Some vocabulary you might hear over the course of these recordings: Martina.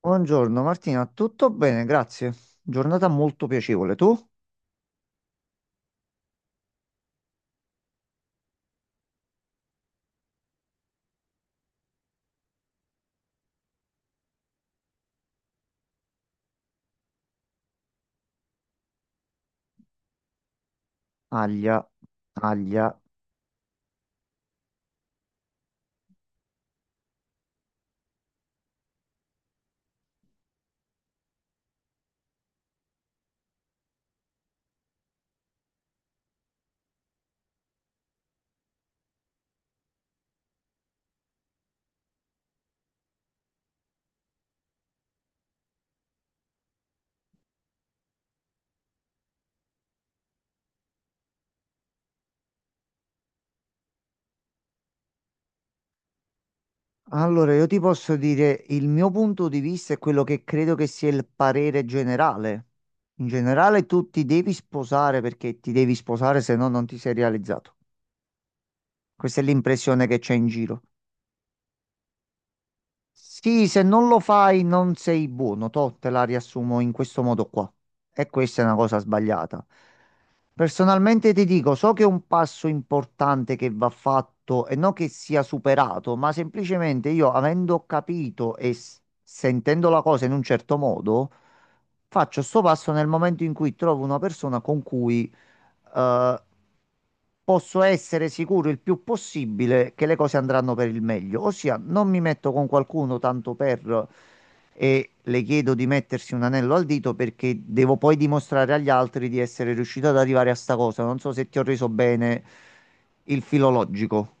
Buongiorno Martina, tutto bene, grazie. Giornata molto piacevole. Tu? Aglia, aglia. Allora, io ti posso dire il mio punto di vista è quello che credo che sia il parere generale. In generale tu ti devi sposare perché ti devi sposare, se no non ti sei realizzato. Questa è l'impressione che c'è in giro. Sì, se non lo fai non sei buono, toh, te la riassumo in questo modo qua. E questa è una cosa sbagliata. Personalmente ti dico, so che è un passo importante che va fatto e non che sia superato, ma semplicemente io, avendo capito e sentendo la cosa in un certo modo, faccio sto passo nel momento in cui trovo una persona con cui eh, posso essere sicuro il più possibile che le cose andranno per il meglio. Ossia, non mi metto con qualcuno tanto per e le chiedo di mettersi un anello al dito perché devo poi dimostrare agli altri di essere riuscito ad arrivare a sta cosa. Non so se ti ho reso bene il filologico.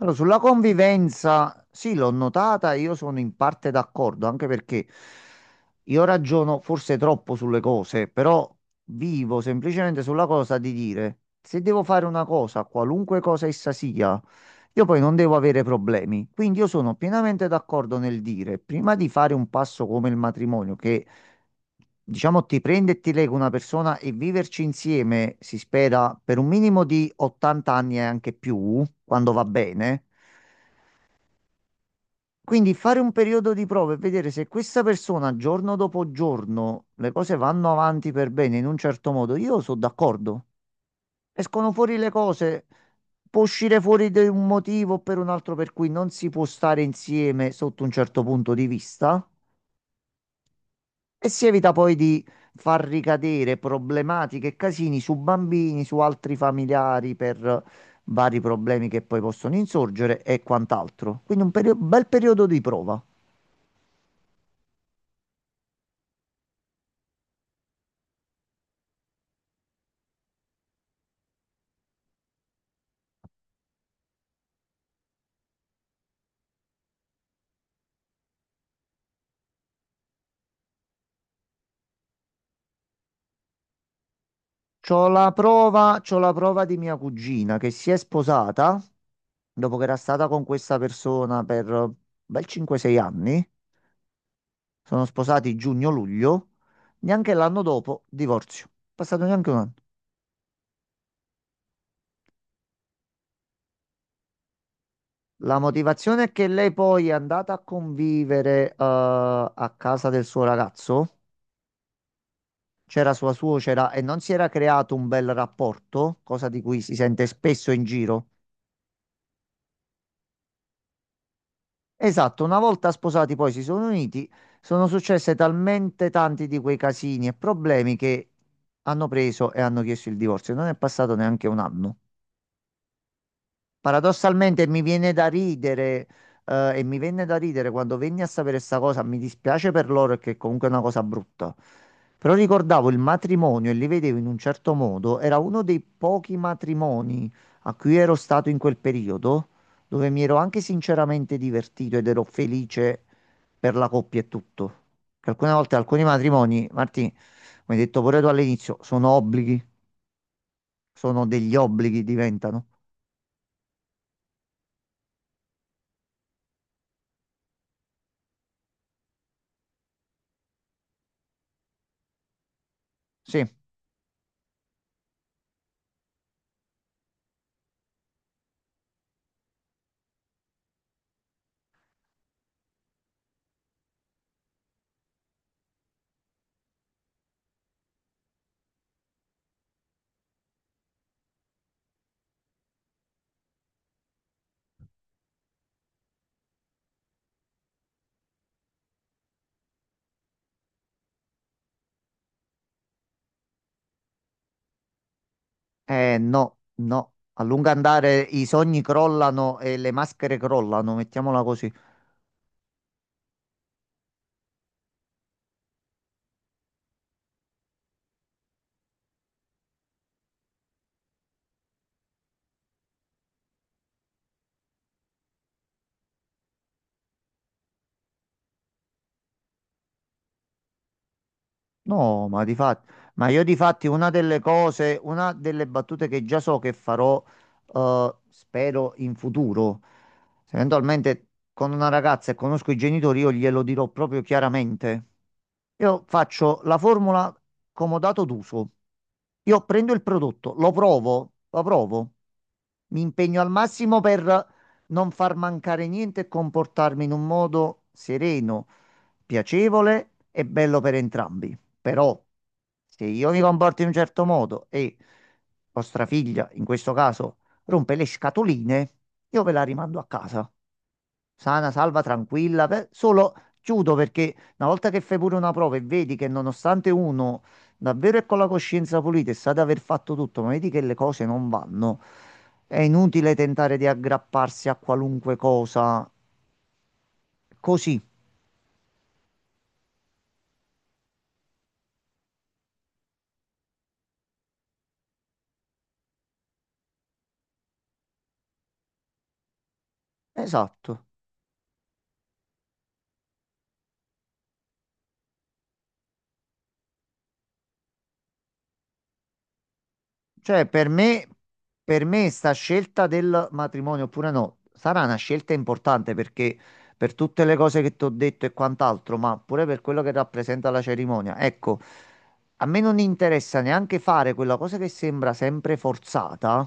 Allora, sulla convivenza, sì, l'ho notata, io sono in parte d'accordo, anche perché io ragiono forse troppo sulle cose, però vivo semplicemente sulla cosa di dire, se devo fare una cosa, qualunque cosa essa sia, io poi non devo avere problemi. Quindi io sono pienamente d'accordo nel dire, prima di fare un passo come il matrimonio, che diciamo, ti prende e ti lega una persona e viverci insieme, si spera, per un minimo di 80 anni e anche più, quando va bene. Quindi fare un periodo di prova e vedere se questa persona giorno dopo giorno le cose vanno avanti per bene in un certo modo, io sono d'accordo. Escono fuori le cose, può uscire fuori da un motivo o per un altro per cui non si può stare insieme sotto un certo punto di vista. E si evita poi di far ricadere problematiche e casini su bambini, su altri familiari per vari problemi che poi possono insorgere e quant'altro. Quindi un bel periodo di prova. C'ho la prova, c'ho la prova di mia cugina che si è sposata dopo che era stata con questa persona per un bel 5-6 anni. Sono sposati giugno-luglio. Neanche l'anno dopo, divorzio. Passato neanche un anno. La motivazione è che lei poi è andata a convivere, a casa del suo ragazzo, c'era sua suocera e non si era creato un bel rapporto, cosa di cui si sente spesso in giro. Esatto, una volta sposati poi si sono uniti, sono successe talmente tanti di quei casini e problemi che hanno preso e hanno chiesto il divorzio. Non è passato neanche un anno. Paradossalmente mi viene da ridere, e mi venne da ridere quando venni a sapere questa cosa. Mi dispiace per loro che comunque è una cosa brutta. Però ricordavo il matrimonio e li vedevo in un certo modo. Era uno dei pochi matrimoni a cui ero stato in quel periodo, dove mi ero anche sinceramente divertito ed ero felice per la coppia e tutto. Che alcune volte alcuni matrimoni, Martì, come hai detto pure tu all'inizio, sono obblighi, sono degli obblighi, diventano. Sì. Eh no, no, a lungo andare i sogni crollano e le maschere crollano, mettiamola così. No, ma di fatti, ma io di fatti una delle battute che già so che farò, spero in futuro, se eventualmente con una ragazza e conosco i genitori, io glielo dirò proprio chiaramente. Io faccio la formula comodato d'uso. Io prendo il prodotto, lo provo, mi impegno al massimo per non far mancare niente e comportarmi in un modo sereno, piacevole e bello per entrambi. Però se io mi comporto in un certo modo e vostra figlia, in questo caso, rompe le scatoline, io ve la rimando a casa. Sana, salva, tranquilla, solo chiudo perché una volta che fai pure una prova e vedi che nonostante uno davvero è con la coscienza pulita e sa di aver fatto tutto, ma vedi che le cose non vanno, è inutile tentare di aggrapparsi a qualunque cosa. Così, esatto. Cioè, per me sta scelta del matrimonio oppure no, sarà una scelta importante perché per tutte le cose che ti ho detto e quant'altro, ma pure per quello che rappresenta la cerimonia. Ecco, a me non interessa neanche fare quella cosa che sembra sempre forzata.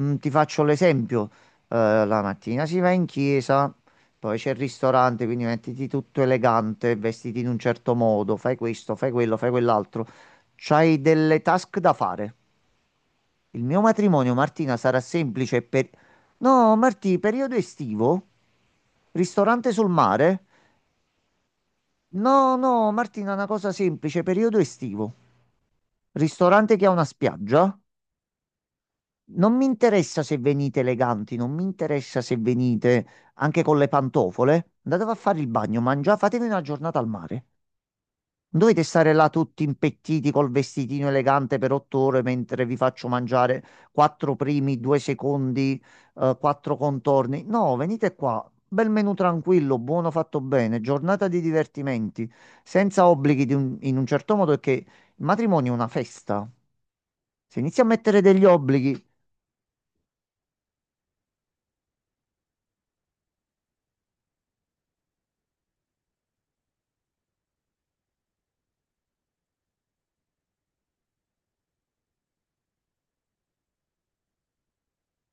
Ti faccio l'esempio. La mattina si va in chiesa, poi c'è il ristorante, quindi mettiti tutto elegante, vestiti in un certo modo, fai questo, fai quello, fai quell'altro. C'hai delle task da fare. Il mio matrimonio, Martina, sarà semplice per... No, Martì, periodo estivo? Ristorante sul mare? No, no, Martina, una cosa semplice, periodo estivo. Ristorante che ha una spiaggia? Non mi interessa se venite eleganti, non mi interessa se venite anche con le pantofole. Andate a fare il bagno, mangiate, fatevi una giornata al mare. Non dovete stare là tutti impettiti col vestitino elegante per 8 ore mentre vi faccio mangiare quattro primi, due secondi, quattro contorni. No, venite qua. Bel menù tranquillo, buono fatto bene, giornata di divertimenti, senza obblighi di in un certo modo, perché il matrimonio è una festa. Se inizi a mettere degli obblighi,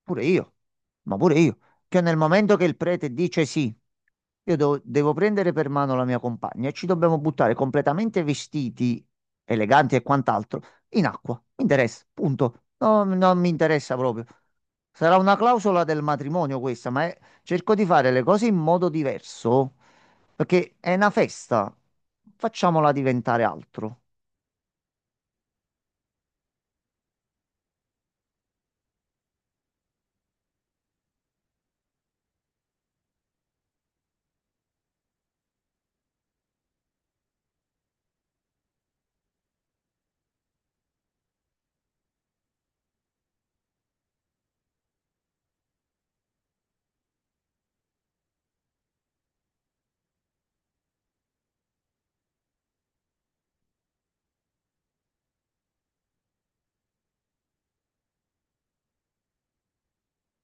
pure io, ma pure io. Cioè, nel momento che il prete dice sì, io devo prendere per mano la mia compagna e ci dobbiamo buttare completamente vestiti, eleganti e quant'altro, in acqua. Mi interessa, punto. No, non mi interessa proprio. Sarà una clausola del matrimonio questa, ma cerco di fare le cose in modo diverso, perché è una festa. Facciamola diventare altro.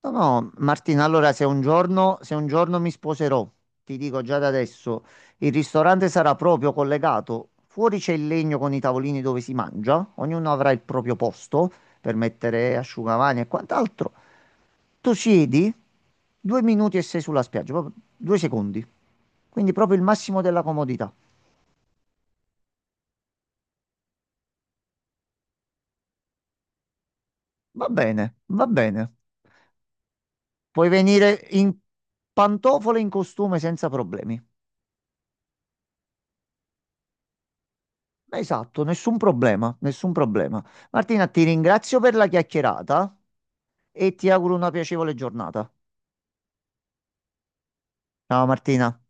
No, no, Martina, allora se un giorno, se un giorno mi sposerò, ti dico già da adesso, il ristorante sarà proprio collegato. Fuori c'è il legno con i tavolini dove si mangia, ognuno avrà il proprio posto per mettere asciugamani e quant'altro. Tu siedi, 2 minuti e sei sulla spiaggia, proprio 2 secondi. Quindi proprio il massimo della comodità. Va bene, va bene. Puoi venire in pantofole e in costume senza problemi. Esatto, nessun problema, nessun problema. Martina, ti ringrazio per la chiacchierata e ti auguro una piacevole giornata. Ciao Martina.